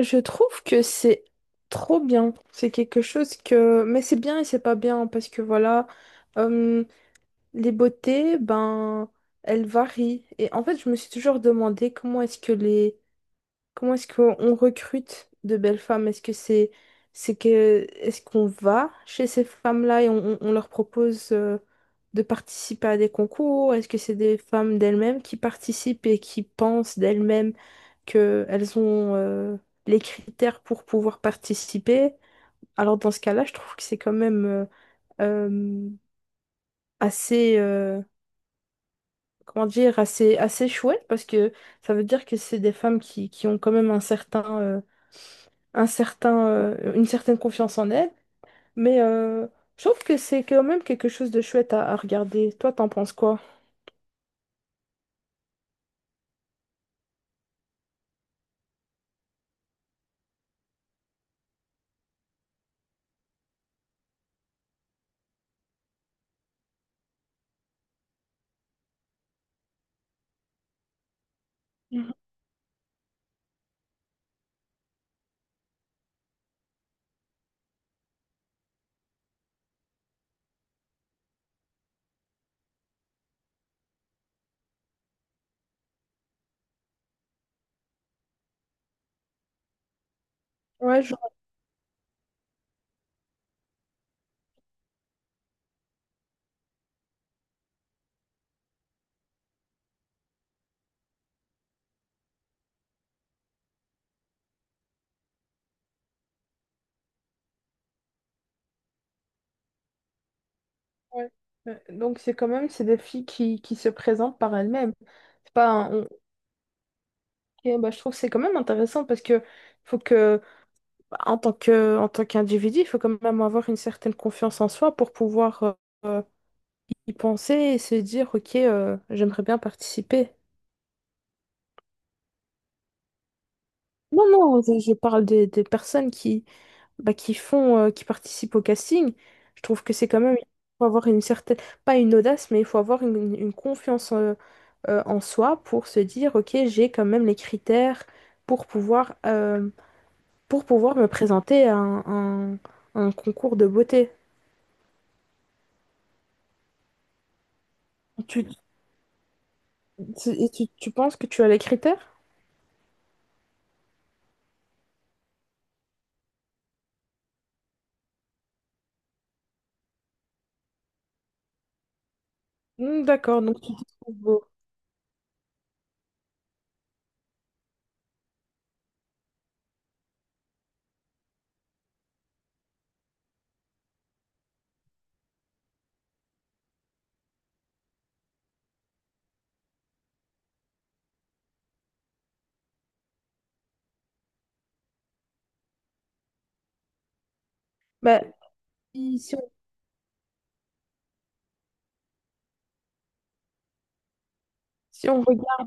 Je trouve que c'est trop bien. C'est quelque chose que... Mais c'est bien et c'est pas bien parce que voilà, euh, les beautés, ben, elles varient. Et en fait, je me suis toujours demandé comment est-ce qu'on recrute de belles femmes? Est-ce que c'est que Est-ce qu'on va chez ces femmes-là et on leur propose de participer à des concours? Est-ce que c'est des femmes d'elles-mêmes qui participent et qui pensent d'elles-mêmes qu'elles ont les critères pour pouvoir participer? Alors dans ce cas-là, je trouve que c'est quand même euh, assez comment dire, assez chouette, parce que ça veut dire que c'est des femmes qui ont quand même un certain, une certaine confiance en elle. Mais euh, je trouve que c'est quand même quelque chose de chouette à regarder. Toi, t'en penses quoi? Mhm. Ouais, je... ouais. Ouais. Donc c'est quand même c'est des filles qui se présentent par elles-mêmes. C'est pas un- on- Ok, bah, je trouve que c'est quand même intéressant parce que faut que bah, en tant qu'individu, il faut quand même avoir une certaine confiance en soi pour pouvoir euh, y penser et se dire ok, j'aimerais bien participer. Non, non, je parle des personnes bah, qui qui participent au casting. Je trouve que c'est quand même, il faut avoir une certaine, pas une audace, mais il faut avoir une confiance en soi pour se dire, ok, j'ai quand même les critères pour pouvoir, euh, pour pouvoir me présenter à un concours de beauté. Tu, et tu penses que tu as les critères? Hmm, d'accord, donc tu te trouves beau. Bah, si, si on, si on regarde...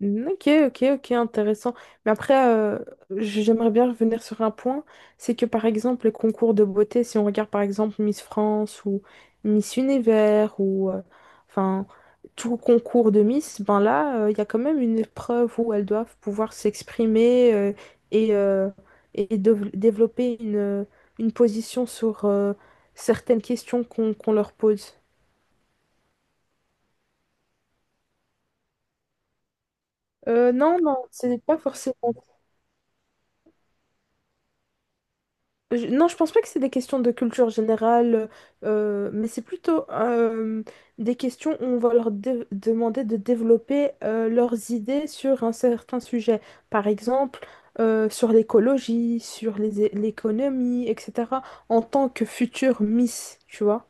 Ok, ok, ok, intéressant. Mais après, j'aimerais bien revenir sur un point. C'est que par exemple, les concours de beauté, si on regarde par exemple Miss France ou Miss Univers ou enfin tout concours de Miss, ben là, il y a quand même une épreuve où elles doivent pouvoir s'exprimer et, euh, et développer une position sur certaines questions qu'on leur pose. Non, non, c'est pas forcément. Non, je pense pas que c'est des questions de culture générale, mais c'est plutôt des questions où on va leur demander de développer leurs idées sur un certain sujet. Par exemple, sur l'écologie, sur l'économie, etc. En tant que future Miss, tu vois.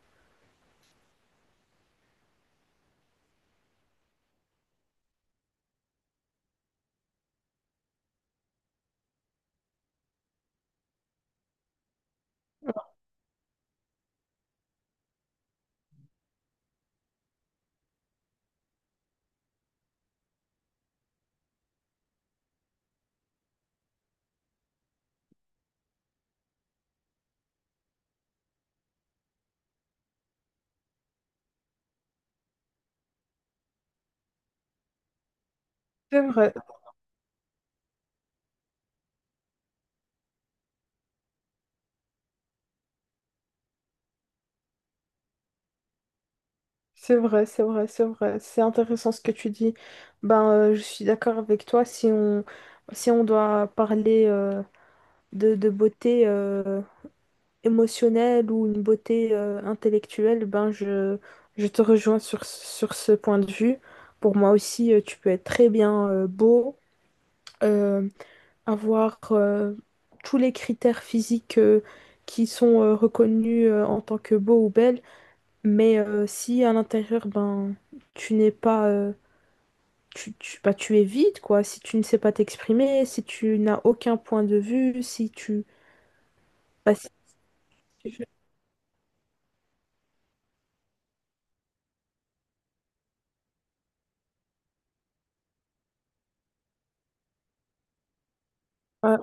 C'est vrai, c'est vrai, c'est vrai, c'est vrai. C'est intéressant ce que tu dis. Je suis d'accord avec toi. Si on doit parler de beauté émotionnelle ou une beauté intellectuelle, je te rejoins sur ce point de vue. Pour moi aussi, tu peux être très bien beau, euh, avoir tous les critères physiques qui sont reconnus en tant que beau ou belle, mais si à l'intérieur, ben tu n'es pas... bah, tu es vide, quoi. Si tu ne sais pas t'exprimer, si tu n'as aucun point de vue, si bah, si tu- ouais.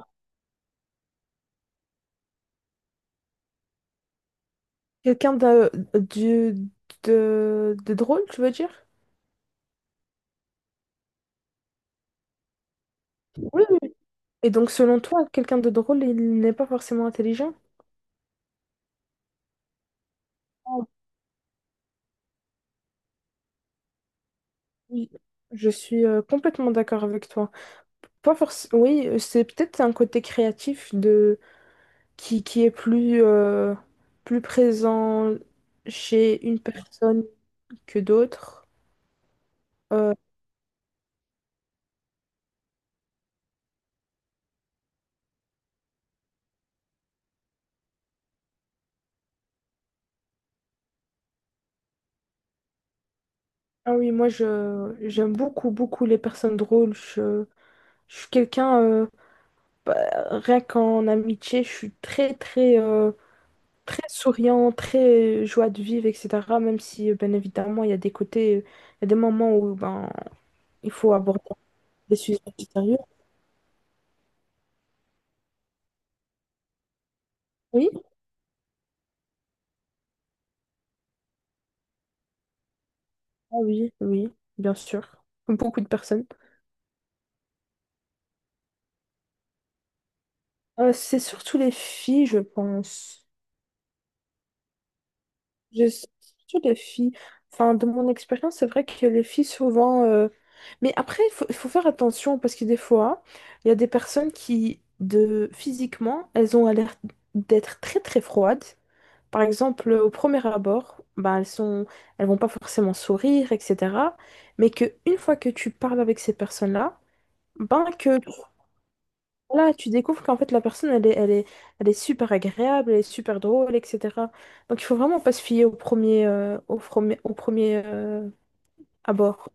Quelqu'un de drôle, tu veux dire? Oui, oui. Et donc, selon toi, quelqu'un de drôle, il n'est pas forcément intelligent? Ah, oui, je suis complètement d'accord avec toi. Pas forcément. Oui, c'est peut-être un côté créatif de qui est plus, plus présent chez une personne que d'autres. Euh, ah oui, moi je j'aime beaucoup les personnes drôles. Je suis quelqu'un. Bah, rien qu'en amitié, je suis très souriant, très joie de vivre, etc. Même si, bien évidemment, il y a des côtés, il y a des moments où ben, il faut aborder des sujets sérieux. Oui, ah oui, oui, bien sûr. Comme beaucoup de personnes. C'est surtout les filles, je pense. Je sais, surtout les filles. Enfin, de mon expérience, c'est vrai que les filles, souvent. Mais après, il faut faire attention, parce que des fois, il y a des personnes qui physiquement, elles ont l'air d'être très très froides. Par exemple, au premier abord, ben, elles sont... elles vont pas forcément sourire, etc. Mais que une fois que tu parles avec ces personnes-là, ben, que tu là, tu découvres qu'en fait, la personne, elle est super agréable, elle est super drôle, etc. Donc, il faut vraiment pas se fier au au premier abord.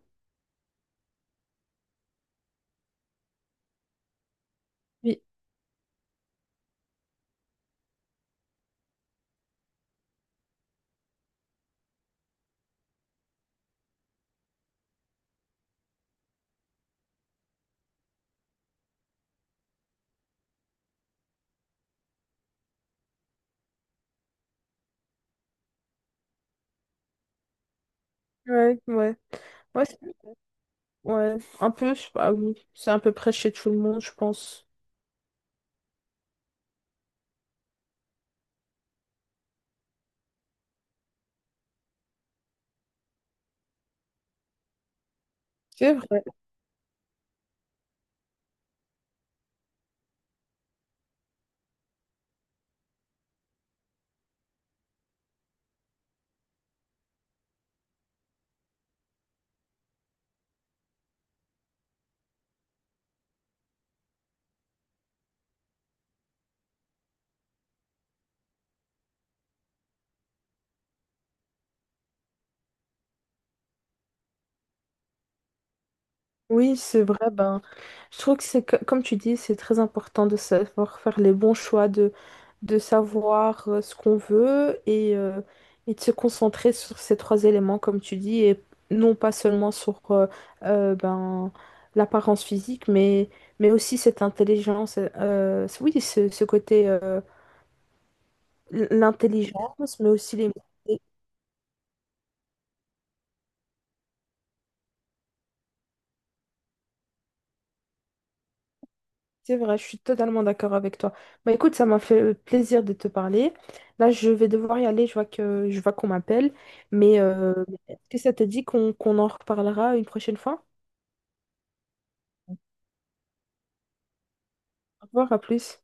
Oui, ouais, ouais. Ouais, c'est- ouais. un peu, je sais pas, oui. C'est à peu près chez tout le monde, je pense. C'est vrai. Oui, c'est vrai. Ben, je trouve que comme tu dis, c'est très important de savoir faire les bons choix, de savoir ce qu'on veut, et de se concentrer sur ces trois éléments, comme tu dis, et non pas seulement sur ben, l'apparence physique, mais aussi cette intelligence. Oui, ce côté, l'intelligence, mais aussi les mots. C'est vrai, je suis totalement d'accord avec toi. Bah écoute, ça m'a fait plaisir de te parler. Là, je vais devoir y aller, je vois qu'on m'appelle. Mais est-ce que ça te dit qu'on en reparlera une prochaine fois? Au revoir, à plus.